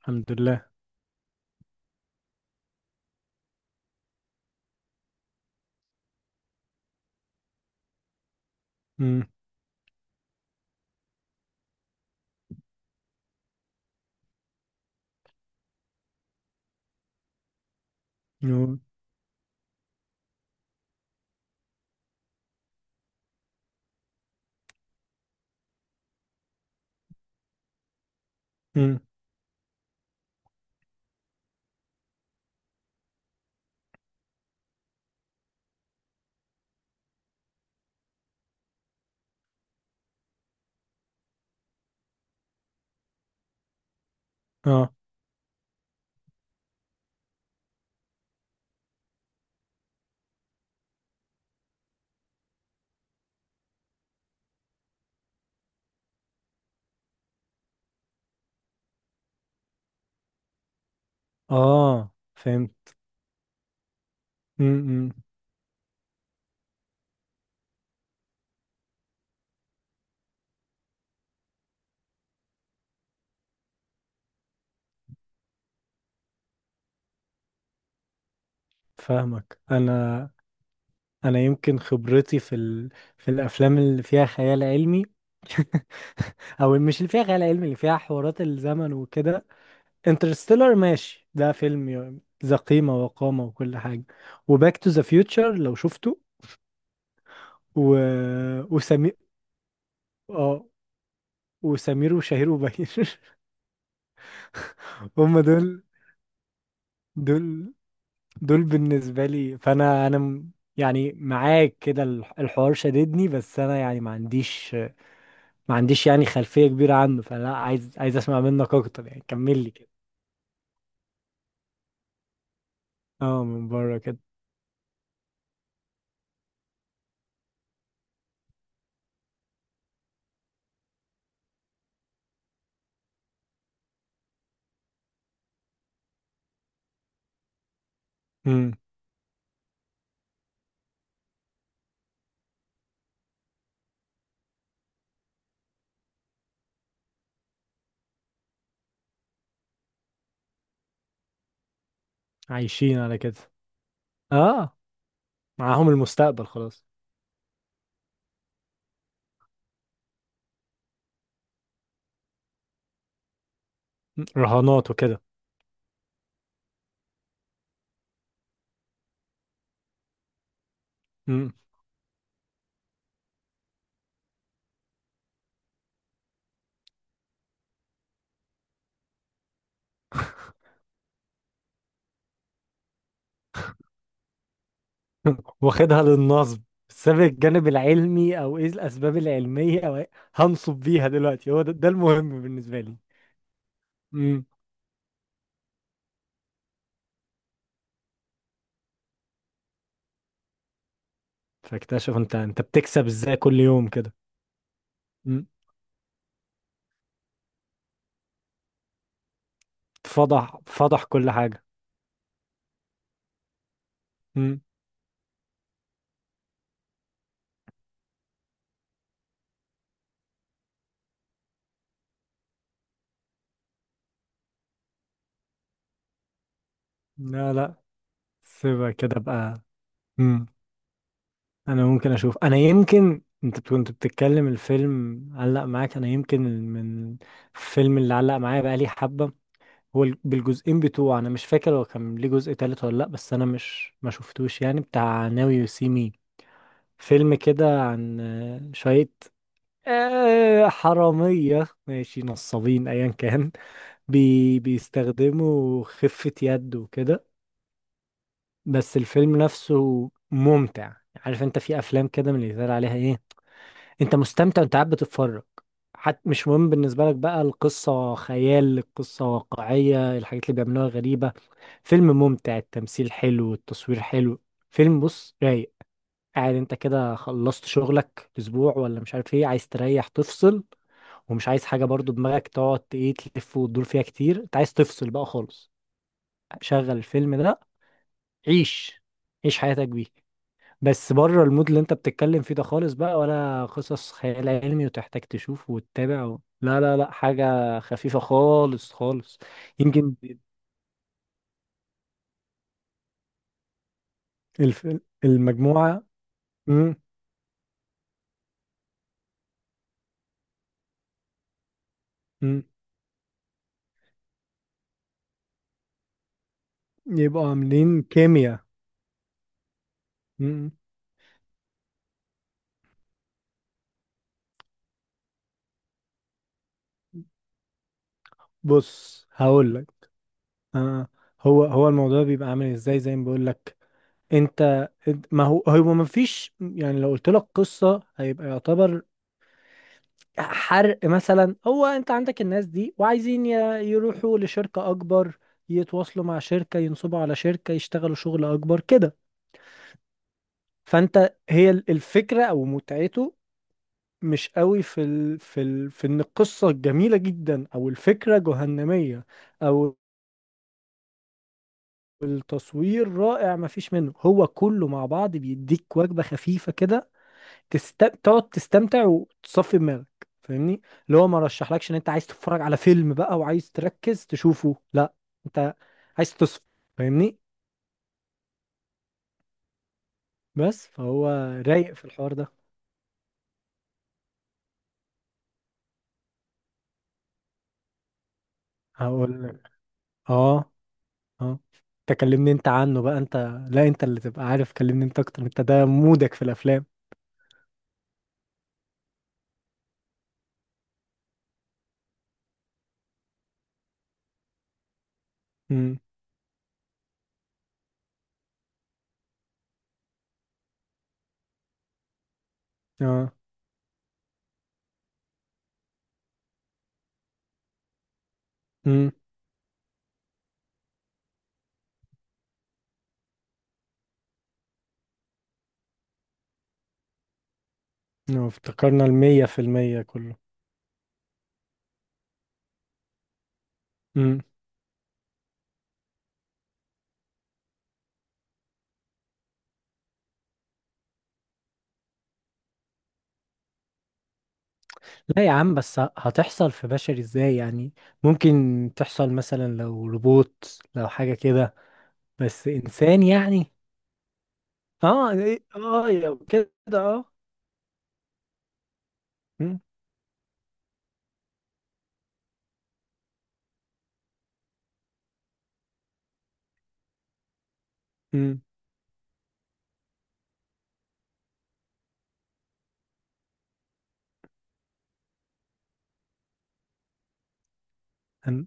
الحمد لله. امم يو- امم اه، اه، فهمت. امم فاهمك. انا يمكن خبرتي في في الافلام اللي فيها خيال علمي، او مش اللي فيها خيال علمي، اللي فيها حوارات الزمن وكده. انترستيلر، ماشي، ده فيلم ذا قيمة وقامة وكل حاجة. وباك تو ذا فيوتشر، لو شفته. و... وسمير اه وسمير وشهير وبهير. هم دول دول دول بالنسبة لي. فأنا يعني معاك كده، الحوار شددني، بس أنا يعني ما عنديش، يعني خلفية كبيرة عنه، فلا، عايز، أسمع منك أكتر، يعني كمل لي كده. اه، من بره كده. امم عايشين على كده. اه، معاهم المستقبل خلاص. مم. رهانات وكده. امم واخدها للنصب، سابق الجانب العلمي أو إيه الأسباب العلمية أو إيه؟ هنصب بيها دلوقتي، هو ده، المهم بالنسبة لي. امم فاكتشف أنت بتكسب إزاي كل يوم كده. فضح، فضح كل حاجة. مم. لا لا، سيبها كده بقى. مم. انا ممكن اشوف، انا يمكن انت كنت بتتكلم الفيلم علق معاك، انا يمكن من الفيلم اللي علق معايا بقى لي حبة. هو بالجزئين بتوعه، انا مش فاكر هو كان ليه جزء تالت ولا لا، بس انا مش ما شفتوش، يعني بتاع ناو يو سي مي. فيلم كده عن شوية، حرامية، ماشي، نصابين، ايا كان. بيستخدموا خفة يد وكده. بس الفيلم نفسه ممتع. عارف، انت في افلام كده من اللي يتقال عليها ايه، انت مستمتع وانت قاعد بتتفرج. حتى مش مهم بالنسبه لك بقى القصه خيال، القصه واقعيه، الحاجات اللي بيعملوها غريبه. فيلم ممتع، التمثيل حلو، التصوير حلو، فيلم بص رايق. قاعد انت كده، خلصت شغلك اسبوع ولا مش عارف ايه، عايز تريح، تفصل، ومش عايز حاجه برضو دماغك تقعد ايه، تلف وتدور فيها كتير، انت عايز تفصل بقى خالص. شغل الفيلم ده. عيش، عيش حياتك بيه. بس بره المود اللي انت بتتكلم فيه ده خالص بقى، ولا قصص خيال علمي وتحتاج تشوف وتتابع لا لا، لا حاجة خفيفة خالص خالص. يمكن الف... المجموعة. مم. مم. يبقوا عاملين كيمياء. مم. بص هقول لك. آه. هو، هو الموضوع بيبقى عامل ازاي زي ما بقول لك انت؟ ما هو، هو ما فيش يعني، لو قلت لك قصة هيبقى يعتبر حرق. مثلا هو انت عندك الناس دي، وعايزين يروحوا لشركة اكبر، يتواصلوا مع شركة، ينصبوا على شركة، يشتغلوا شغل اكبر كده. فانت هي الفكرة او متعته مش قوي في في في ان القصة الجميلة جدا او الفكرة جهنمية، او التصوير رائع. مفيش منه، هو كله مع بعض بيديك وجبة خفيفة كده. تقعد تستمتع وتصفي دماغك. فاهمني؟ اللي هو ما رشحلكش ان انت عايز تتفرج على فيلم بقى وعايز تركز تشوفه، لا، انت عايز تصفي. فاهمني؟ بس فهو رايق في الحوار ده. هقول لك. اه، اه، انت كلمني انت عنه بقى انت. لا، انت اللي تبقى عارف، كلمني انت اكتر، انت ده مودك في الافلام. امم اه. امم افتكرنا 100% كله. لا يا عم، بس هتحصل في بشري ازاي يعني؟ ممكن تحصل مثلا لو روبوت، لو حاجة كده، بس انسان يعني. اه، اه، لو كده. اه. م- م. أن-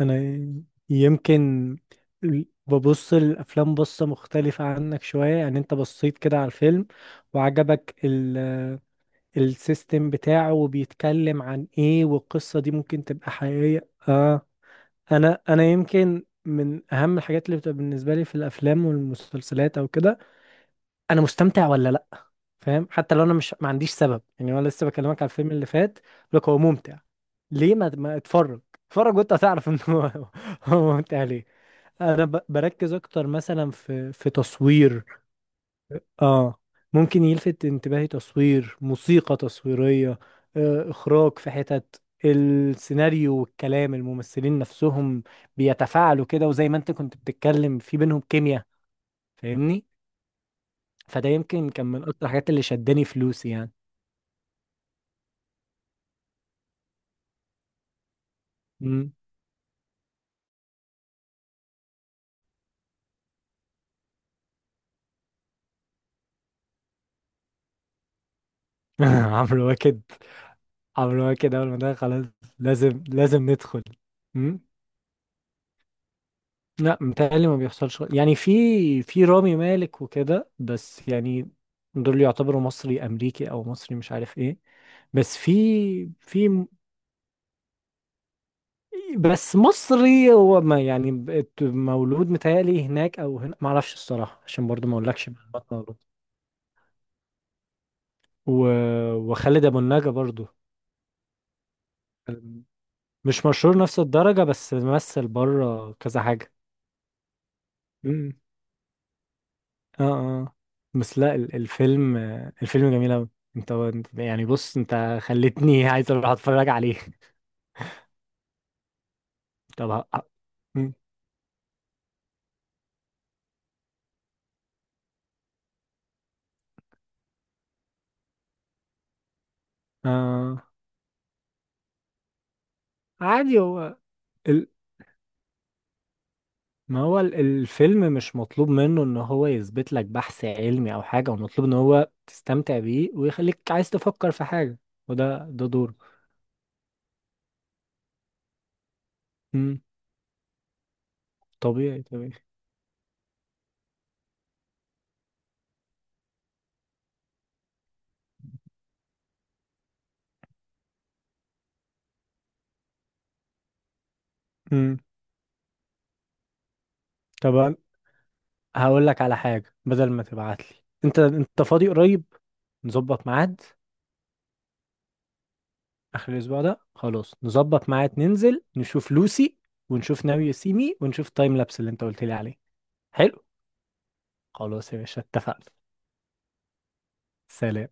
انا يمكن ببص الافلام بصة مختلفة عنك شوية. يعني انت بصيت كده على الفيلم، وعجبك السيستم بتاعه، وبيتكلم عن ايه، والقصة دي ممكن تبقى حقيقية. اه، انا يمكن من اهم الحاجات اللي بتبقى بالنسبه لي في الافلام والمسلسلات او كده، انا مستمتع ولا لا. فاهم؟ حتى لو انا مش ما عنديش سبب. يعني انا لسه بكلمك على الفيلم اللي فات، لك هو ممتع ليه؟ ما اتفرج، اتفرج وانت هتعرف ان هو هو ممتع ليه. انا بركز اكتر مثلا في تصوير. اه. ممكن يلفت انتباهي تصوير، موسيقى تصويرية، اخراج، في حتت السيناريو والكلام، الممثلين نفسهم بيتفاعلوا كده، وزي ما انت كنت بتتكلم في بينهم كيمياء. فاهمني؟ فده يمكن كان من اكتر الحاجات اللي شداني فلوسي يعني. مم. عمرو واكد، عمرو واكد اول ما ده خلاص، لازم لازم ندخل. لا، متهيألي ما بيحصلش يعني، في في رامي مالك وكده، بس يعني دول يعتبروا مصري امريكي او مصري مش عارف ايه. بس في بس مصري، هو ما يعني بقت مولود متهيألي هناك او هنا، ما اعرفش الصراحة، عشان برضو ما اقولكش معلومات مولود. و... وخالد ابو النجا برضو. مش مشهور نفس الدرجة، بس مثل بره كذا حاجة. اه، اه. بس لا الفيلم، الفيلم جميل أوي. انت يعني بص، انت خلتني عايز اروح اتفرج عليه. طب. ه- مم. آه. عادي هو ال... ما هو الفيلم مش مطلوب منه ان هو يثبت لك بحث علمي او حاجة، هو مطلوب ان هو تستمتع بيه ويخليك عايز تفكر في حاجة، وده دوره. مم. طبيعي طبيعي. مم. طب هقول لك على حاجة، بدل ما تبعت لي انت، انت فاضي قريب؟ نظبط ميعاد. اخر الاسبوع ده خلاص، نظبط ميعاد ننزل نشوف لوسي، ونشوف ناو يو سي مي، ونشوف تايم لابس اللي انت قلت لي عليه. حلو. خلاص يا باشا، اتفقنا. سلام.